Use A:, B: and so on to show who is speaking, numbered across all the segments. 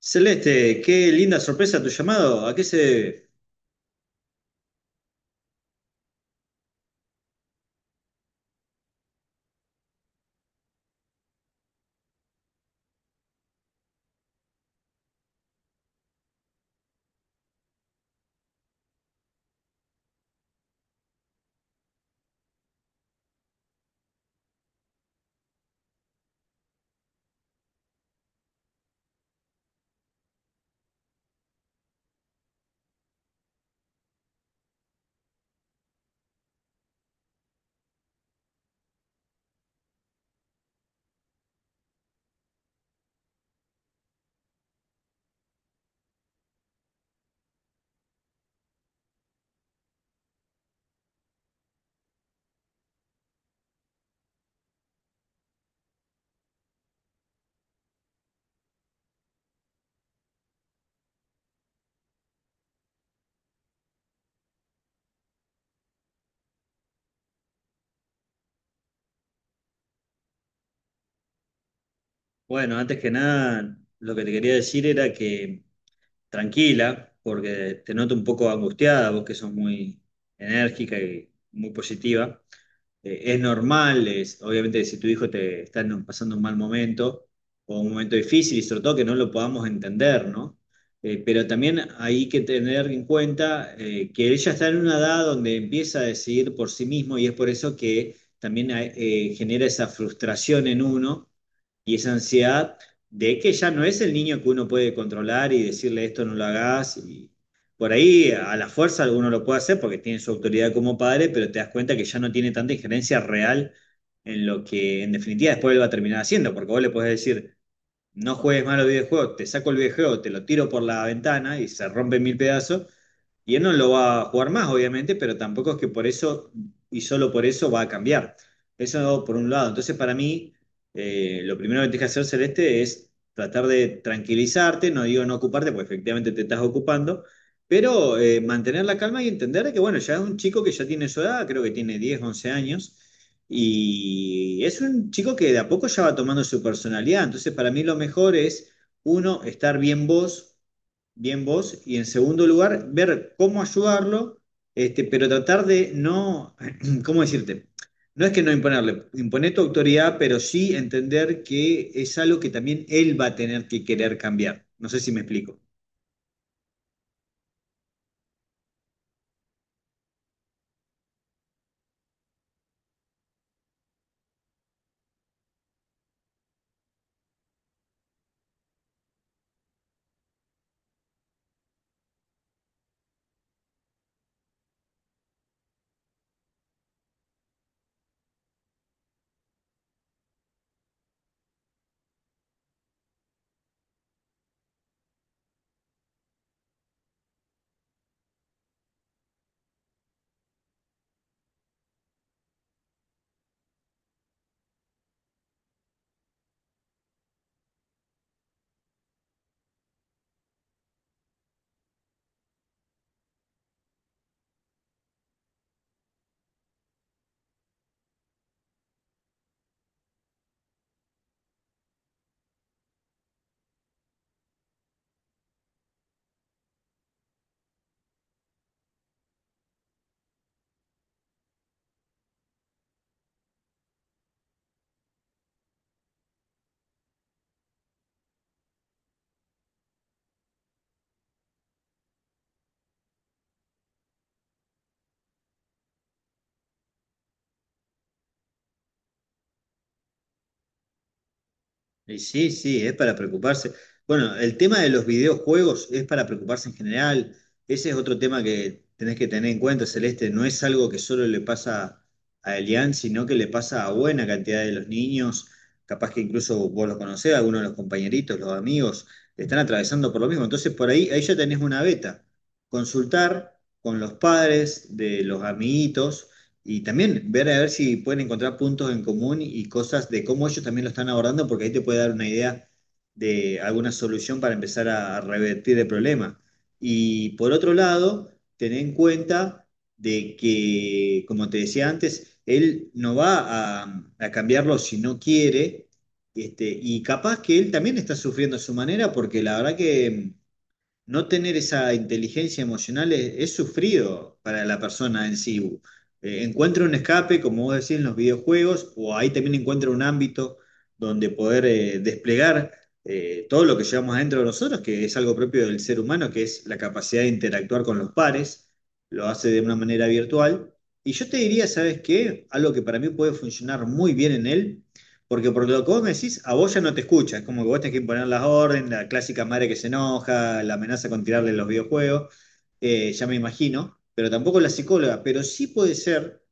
A: Celeste, qué linda sorpresa tu llamado. ¿A qué se debe? Bueno, antes que nada, lo que te quería decir era que tranquila, porque te noto un poco angustiada, vos que sos muy enérgica y muy positiva. Es normal, es, obviamente si tu hijo te está pasando un mal momento o un momento difícil y sobre todo que no lo podamos entender, ¿no? Pero también hay que tener en cuenta que él ya está en una edad donde empieza a decidir por sí mismo y es por eso que también genera esa frustración en uno y esa ansiedad de que ya no es el niño que uno puede controlar y decirle esto no lo hagas. Por ahí a la fuerza uno lo puede hacer porque tiene su autoridad como padre, pero te das cuenta que ya no tiene tanta injerencia real en lo que en definitiva después él va a terminar haciendo, porque vos le podés decir, no juegues mal los videojuegos, te saco el videojuego, te lo tiro por la ventana y se rompe en mil pedazos. Y él no lo va a jugar más, obviamente, pero tampoco es que por eso y solo por eso va a cambiar. Eso por un lado. Entonces, para mí, lo primero que tienes que hacer, Celeste, es tratar de tranquilizarte, no digo no ocuparte, porque efectivamente te estás ocupando, pero mantener la calma y entender que, bueno, ya es un chico que ya tiene su edad, creo que tiene 10, 11 años y es un chico que de a poco ya va tomando su personalidad. Entonces, para mí lo mejor es, uno, estar bien vos, y en segundo lugar, ver cómo ayudarlo, este, pero tratar de no, ¿cómo decirte? No es que no imponerle, imponer tu autoridad, pero sí entender que es algo que también él va a tener que querer cambiar. No sé si me explico. Y sí, sí, es para preocuparse. Bueno, el tema de los videojuegos es para preocuparse en general. Ese es otro tema que tenés que tener en cuenta, Celeste. No es algo que solo le pasa a Elian, sino que le pasa a buena cantidad de los niños. Capaz que incluso vos los conocés, algunos de los compañeritos, los amigos, están atravesando por lo mismo. Entonces, por ahí, ahí ya tenés una beta. Consultar con los padres de los amiguitos y también ver a ver si pueden encontrar puntos en común y cosas de cómo ellos también lo están abordando, porque ahí te puede dar una idea de alguna solución para empezar a revertir el problema. Y por otro lado, tener en cuenta de que, como te decía antes, él no va a cambiarlo si no quiere, este, y capaz que él también está sufriendo a su manera, porque la verdad que no tener esa inteligencia emocional es sufrido para la persona en sí. Encuentra un escape, como vos decís, en los videojuegos, o ahí también encuentra un ámbito donde poder desplegar todo lo que llevamos adentro de nosotros, que es algo propio del ser humano, que es la capacidad de interactuar con los pares, lo hace de una manera virtual. Y yo te diría, ¿sabes qué? Algo que para mí puede funcionar muy bien en él porque por lo que vos me decís, a vos ya no te escucha. Es como que vos tenés que imponer las órdenes, la clásica madre que se enoja, la amenaza con tirarle los videojuegos, ya me imagino. Pero tampoco la psicóloga. Pero sí puede ser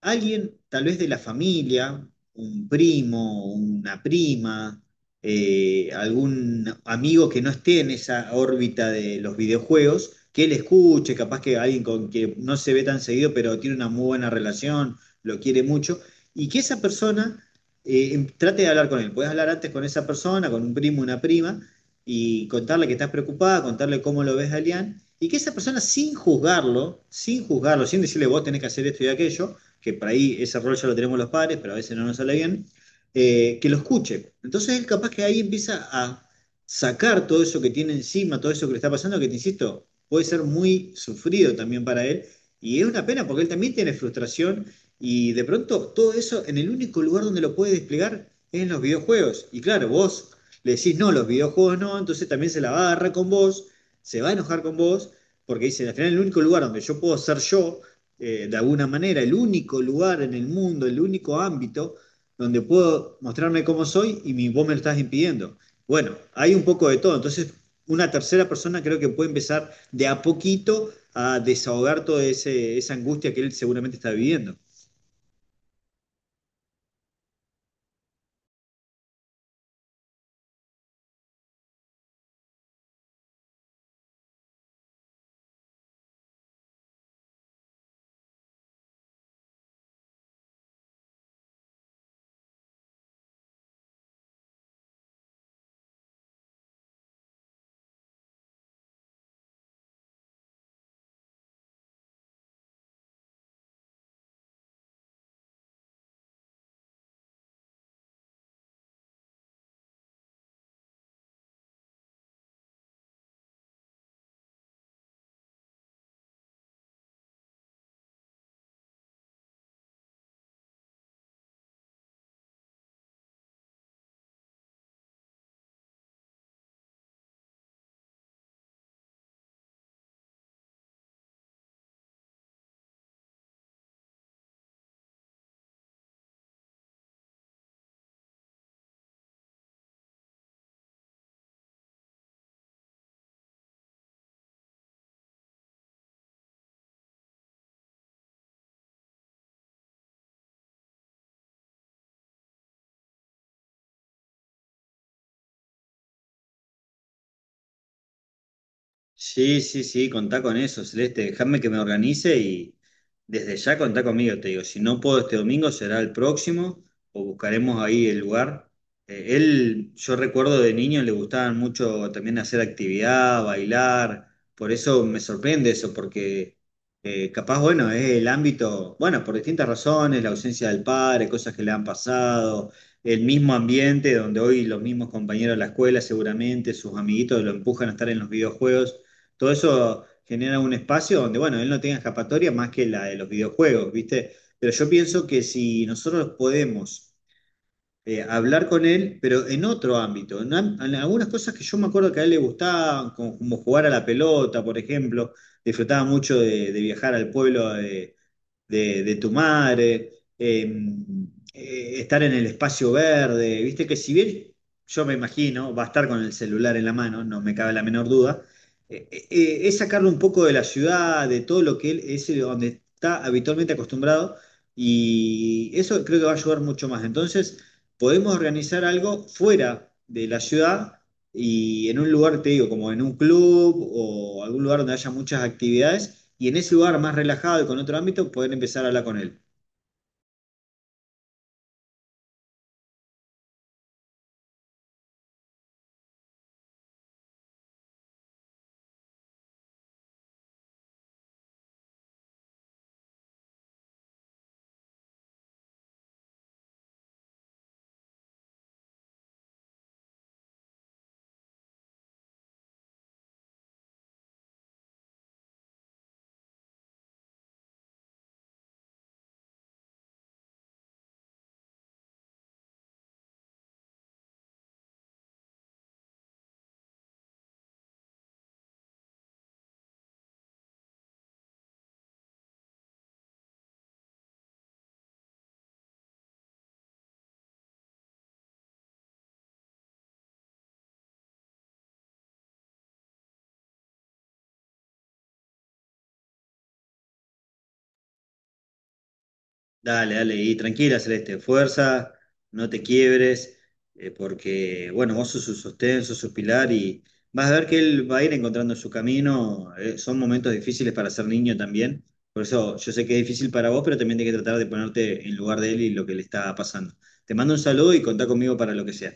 A: alguien tal vez de la familia, un primo, una prima, algún amigo que no esté en esa órbita de los videojuegos, que él escuche, capaz que alguien con que no se ve tan seguido, pero tiene una muy buena relación, lo quiere mucho, y que esa persona trate de hablar con él. Puedes hablar antes con esa persona, con un primo, una prima, y contarle que estás preocupada, contarle cómo lo ves a Elian. Y que esa persona, sin juzgarlo, sin juzgarlo, sin decirle vos tenés que hacer esto y aquello, que por ahí ese rol ya lo tenemos los padres, pero a veces no nos sale bien, que lo escuche. Entonces él capaz que ahí empieza a sacar todo eso que tiene encima, todo eso que le está pasando, que te insisto, puede ser muy sufrido también para él. Y es una pena porque él también tiene frustración y de pronto todo eso en el único lugar donde lo puede desplegar es en los videojuegos. Y claro, vos le decís no, los videojuegos no, entonces también se la va a agarrar con vos, se va a enojar con vos, porque dice, al final el único lugar donde yo puedo ser yo de alguna manera, el único lugar en el mundo, el único ámbito donde puedo mostrarme cómo soy y vos me lo estás impidiendo. Bueno, hay un poco de todo. Entonces, una tercera persona creo que puede empezar de a poquito a desahogar toda esa angustia que él seguramente está viviendo. Sí, sí, sí, contá con eso, Celeste. Dejadme que me organice y desde ya contá conmigo, te digo. Si no puedo este domingo, será el próximo o buscaremos ahí el lugar. Él, yo recuerdo de niño, le gustaban mucho también hacer actividad, bailar. Por eso me sorprende eso, porque capaz, bueno, es el ámbito, bueno, por distintas razones, la ausencia del padre, cosas que le han pasado, el mismo ambiente donde hoy los mismos compañeros de la escuela seguramente, sus amiguitos lo empujan a estar en los videojuegos. Todo eso genera un espacio donde, bueno, él no tenga escapatoria más que la de los videojuegos, ¿viste? Pero yo pienso que si nosotros podemos hablar con él, pero en otro ámbito, en algunas cosas que yo me acuerdo que a él le gustaban, como, como jugar a la pelota, por ejemplo, disfrutaba mucho de viajar al pueblo de tu madre, em, estar en el espacio verde, viste que si bien yo me imagino, va a estar con el celular en la mano, no me cabe la menor duda, es sacarlo un poco de la ciudad, de todo lo que él es donde está habitualmente acostumbrado y eso creo que va a ayudar mucho más. Entonces, podemos organizar algo fuera de la ciudad y en un lugar, te digo, como en un club o algún lugar donde haya muchas actividades y en ese lugar más relajado y con otro ámbito, poder empezar a hablar con él. Dale, dale, y tranquila, Celeste, fuerza, no te quiebres, porque, bueno, vos sos su sostén, sos su pilar y vas a ver que él va a ir encontrando su camino. Son momentos difíciles para ser niño también, por eso yo sé que es difícil para vos, pero también tenés que tratar de ponerte en lugar de él y lo que le está pasando. Te mando un saludo y contá conmigo para lo que sea.